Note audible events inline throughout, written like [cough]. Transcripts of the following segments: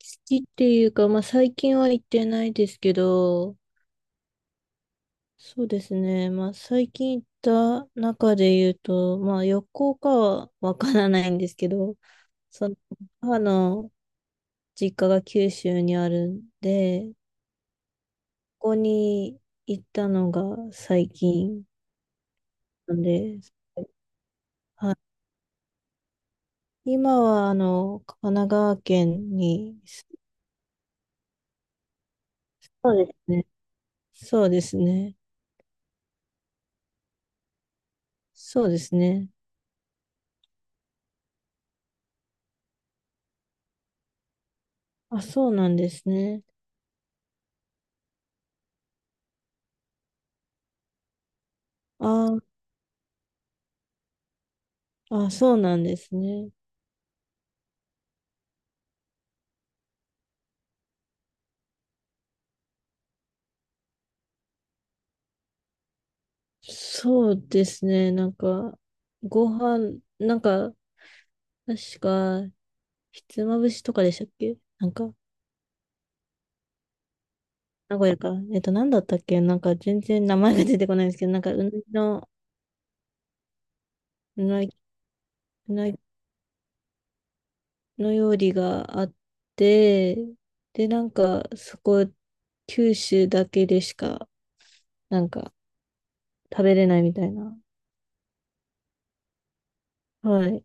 好きっていうか、まあ最近は行ってないですけど、そうですね。まあ最近行った中で言うと、まあ旅行かはわからないんですけど、その母の実家が九州にあるんで、ここに行ったのが最近なんで、はい、今はあの神奈川県に、そうでますね。そうですね。そうですね。あ、そうなんですね。ああ、あ、そうなんですね。そうですね。なんか、ご飯、なんか、確か、ひつまぶしとかでしたっけなんか、名古屋か。なんだったっけなんか、全然名前が出てこないんですけど、なんか、うなぎ、うなぎの料理があって、で、なんか、そこ、九州だけでしか、なんか、食べれないみたいな。はい。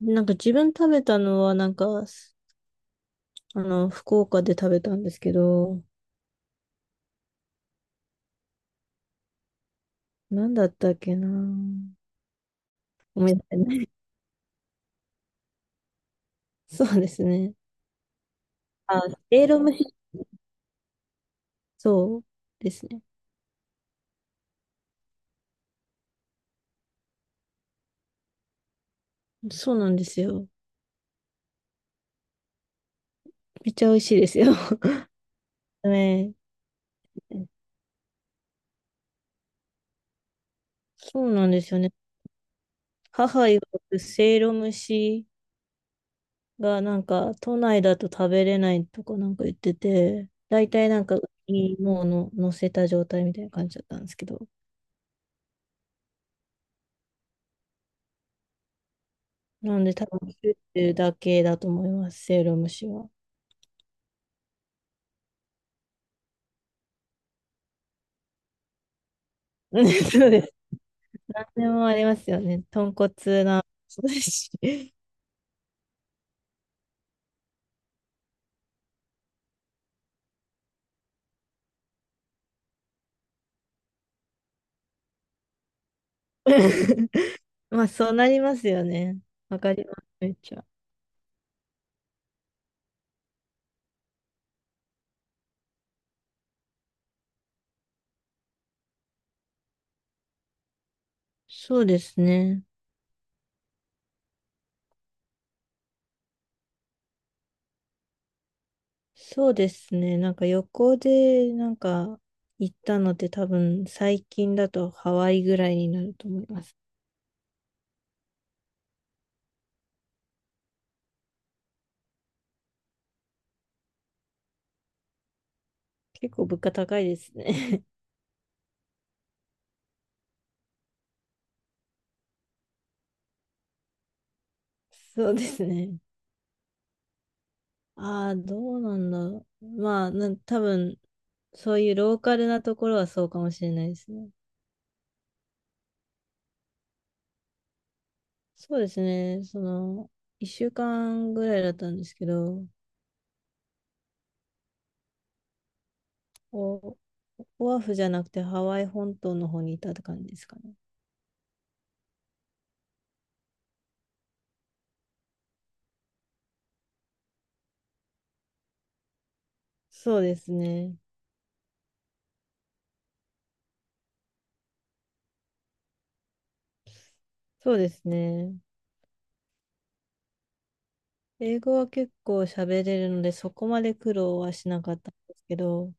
なんか、自分食べたのは、なんか、あの、福岡で食べたんですけど、なんだったっけな。思い出せない。[laughs] そうですね。あ、エイロムシ、そうですね。そうなんですよ。めっちゃ美味しいですよ。[laughs] ね、そうなんですよね。母曰くせいろ蒸しがなんか都内だと食べれないとかなんか言ってて、大体なんか上にもうの乗せた状態みたいな感じだったんですけど。なんで多分、作てるだけだと思います、せいろ蒸しは。[laughs] そうです何でもありますよね。豚骨な、そうですし。[laughs] まあ、そうなりますよね。わかります、めっちゃ。そうですね。そうですね。なんか旅行で、なんか行ったのって多分最近だとハワイぐらいになると思います。結構物価高いですね。[laughs] そうですね。ああ、どうなんだろう。まあ、多分、そういうローカルなところはそうかもしれないですね。そうですね。その、1週間ぐらいだったんですけど、お、オアフじゃなくてハワイ本島の方にいたって感じですかね。そうですね。そうですね。英語は結構喋れるので、そこまで苦労はしなかったんですけど、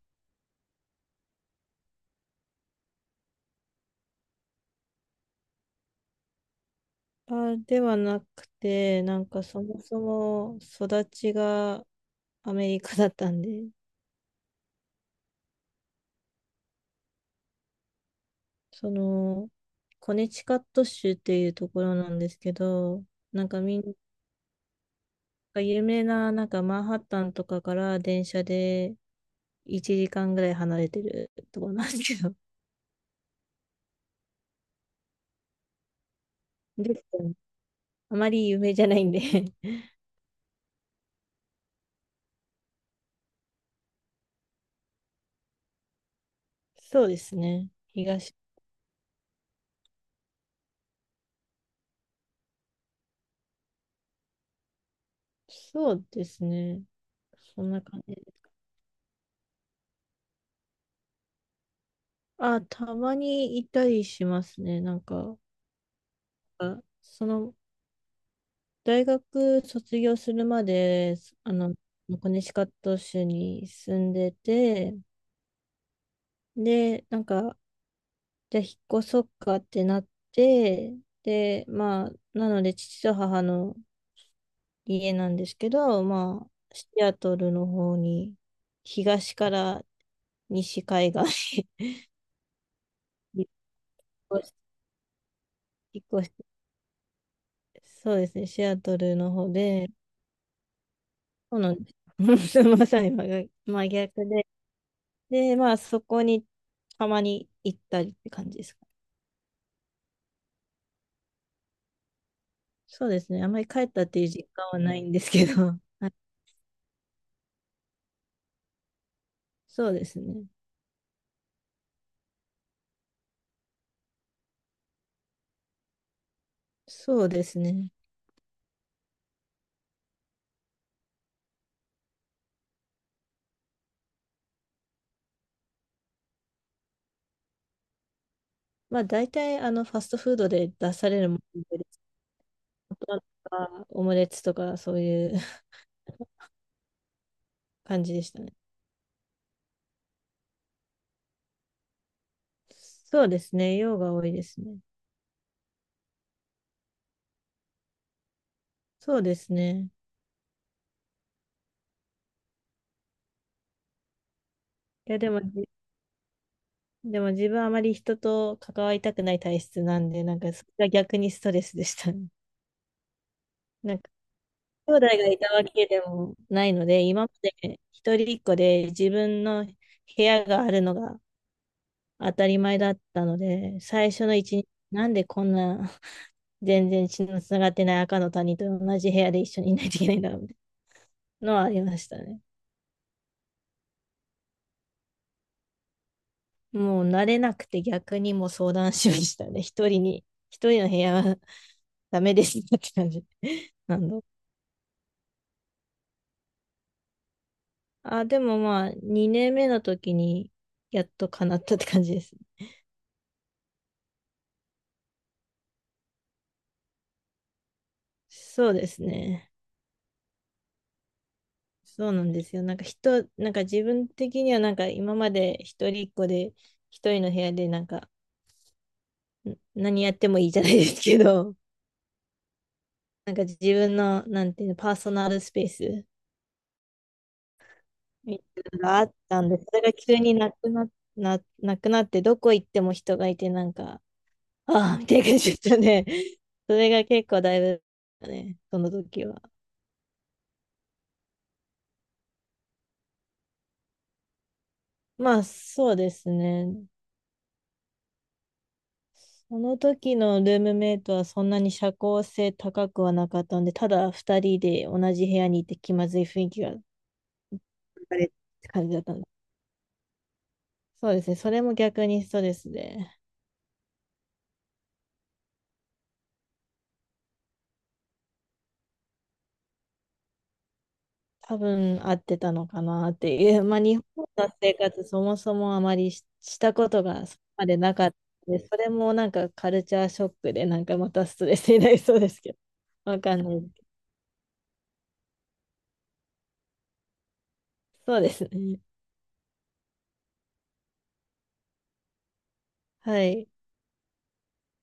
あ、ではなくて、なんかそもそも育ちがアメリカだったんで、その、コネチカット州っていうところなんですけど、なんかみんなか有名な、なんかマンハッタンとかから電車で1時間ぐらい離れてるところなんですけど、であまり有名じゃないんで [laughs] そうですね。東、そうですね。そんな感じ。あ、たまにいたりしますね。なんか、あその、大学卒業するまで、あの、コネチカット州に住んでて、で、なんか、じゃあ引っ越そっかってなって、で、まあ、なので父と母の家なんですけど、まあ、シアトルの方に、東から西海岸に [laughs] 引っ越し、引っ越して、そうですね、シアトルの方で、そうなんです。[laughs] まさに真逆真逆で、で、まあ、そこにたまに行ったりって感じですかね。そうですね、あまり帰ったっていう実感はないんですけど、[laughs] はい、そうですね、そうですね。まあ大体あのファストフードで出されるもので、レとかオムレツとかそういう [laughs] 感じでしたね。そうですね。量が多いですね。そうですね。いやでも、自分あまり人と関わりたくない体質なんで、なんかそれが逆にストレスでしたね。[laughs] なんか兄弟がいたわけでもないので、今まで一人っ子で自分の部屋があるのが当たり前だったので、最初の1日、なんでこんな全然血のつながってない赤の他人と同じ部屋で一緒にいないといけないんだみたいなのはありましたね。もう慣れなくて逆にもう相談しましたね。一人の部屋はダメですって感じ [laughs]。なんだ。あ、でもまあ、2年目の時にやっと叶ったって感じです。そうですね。そうなんですよ。なんかなんか自分的にはなんか今まで一人っ子で一人の部屋でなんか何やってもいいじゃないですけど、なんか自分の、なんていうの、パーソナルスペースみたいなのがあったんで、それが急になくなって、どこ行っても人がいて、なんか、ああ、みたいな感じでしたね。[laughs] それが結構だいぶ、ね、その時は。まあ、そうですね。その時のルームメイトはそんなに社交性高くはなかったんで、ただ2人で同じ部屋にいて気まずい雰囲気が流れって感じだったんで。そうですね。それも逆にストレスで。多分合ってたのかなっていう、まあ、日本の生活そもそもあまりしたことがそこまでなかったので、それもなんかカルチャーショックで、なんかまたストレスになりそうですけど、わかんないですけど。そうですね。はい。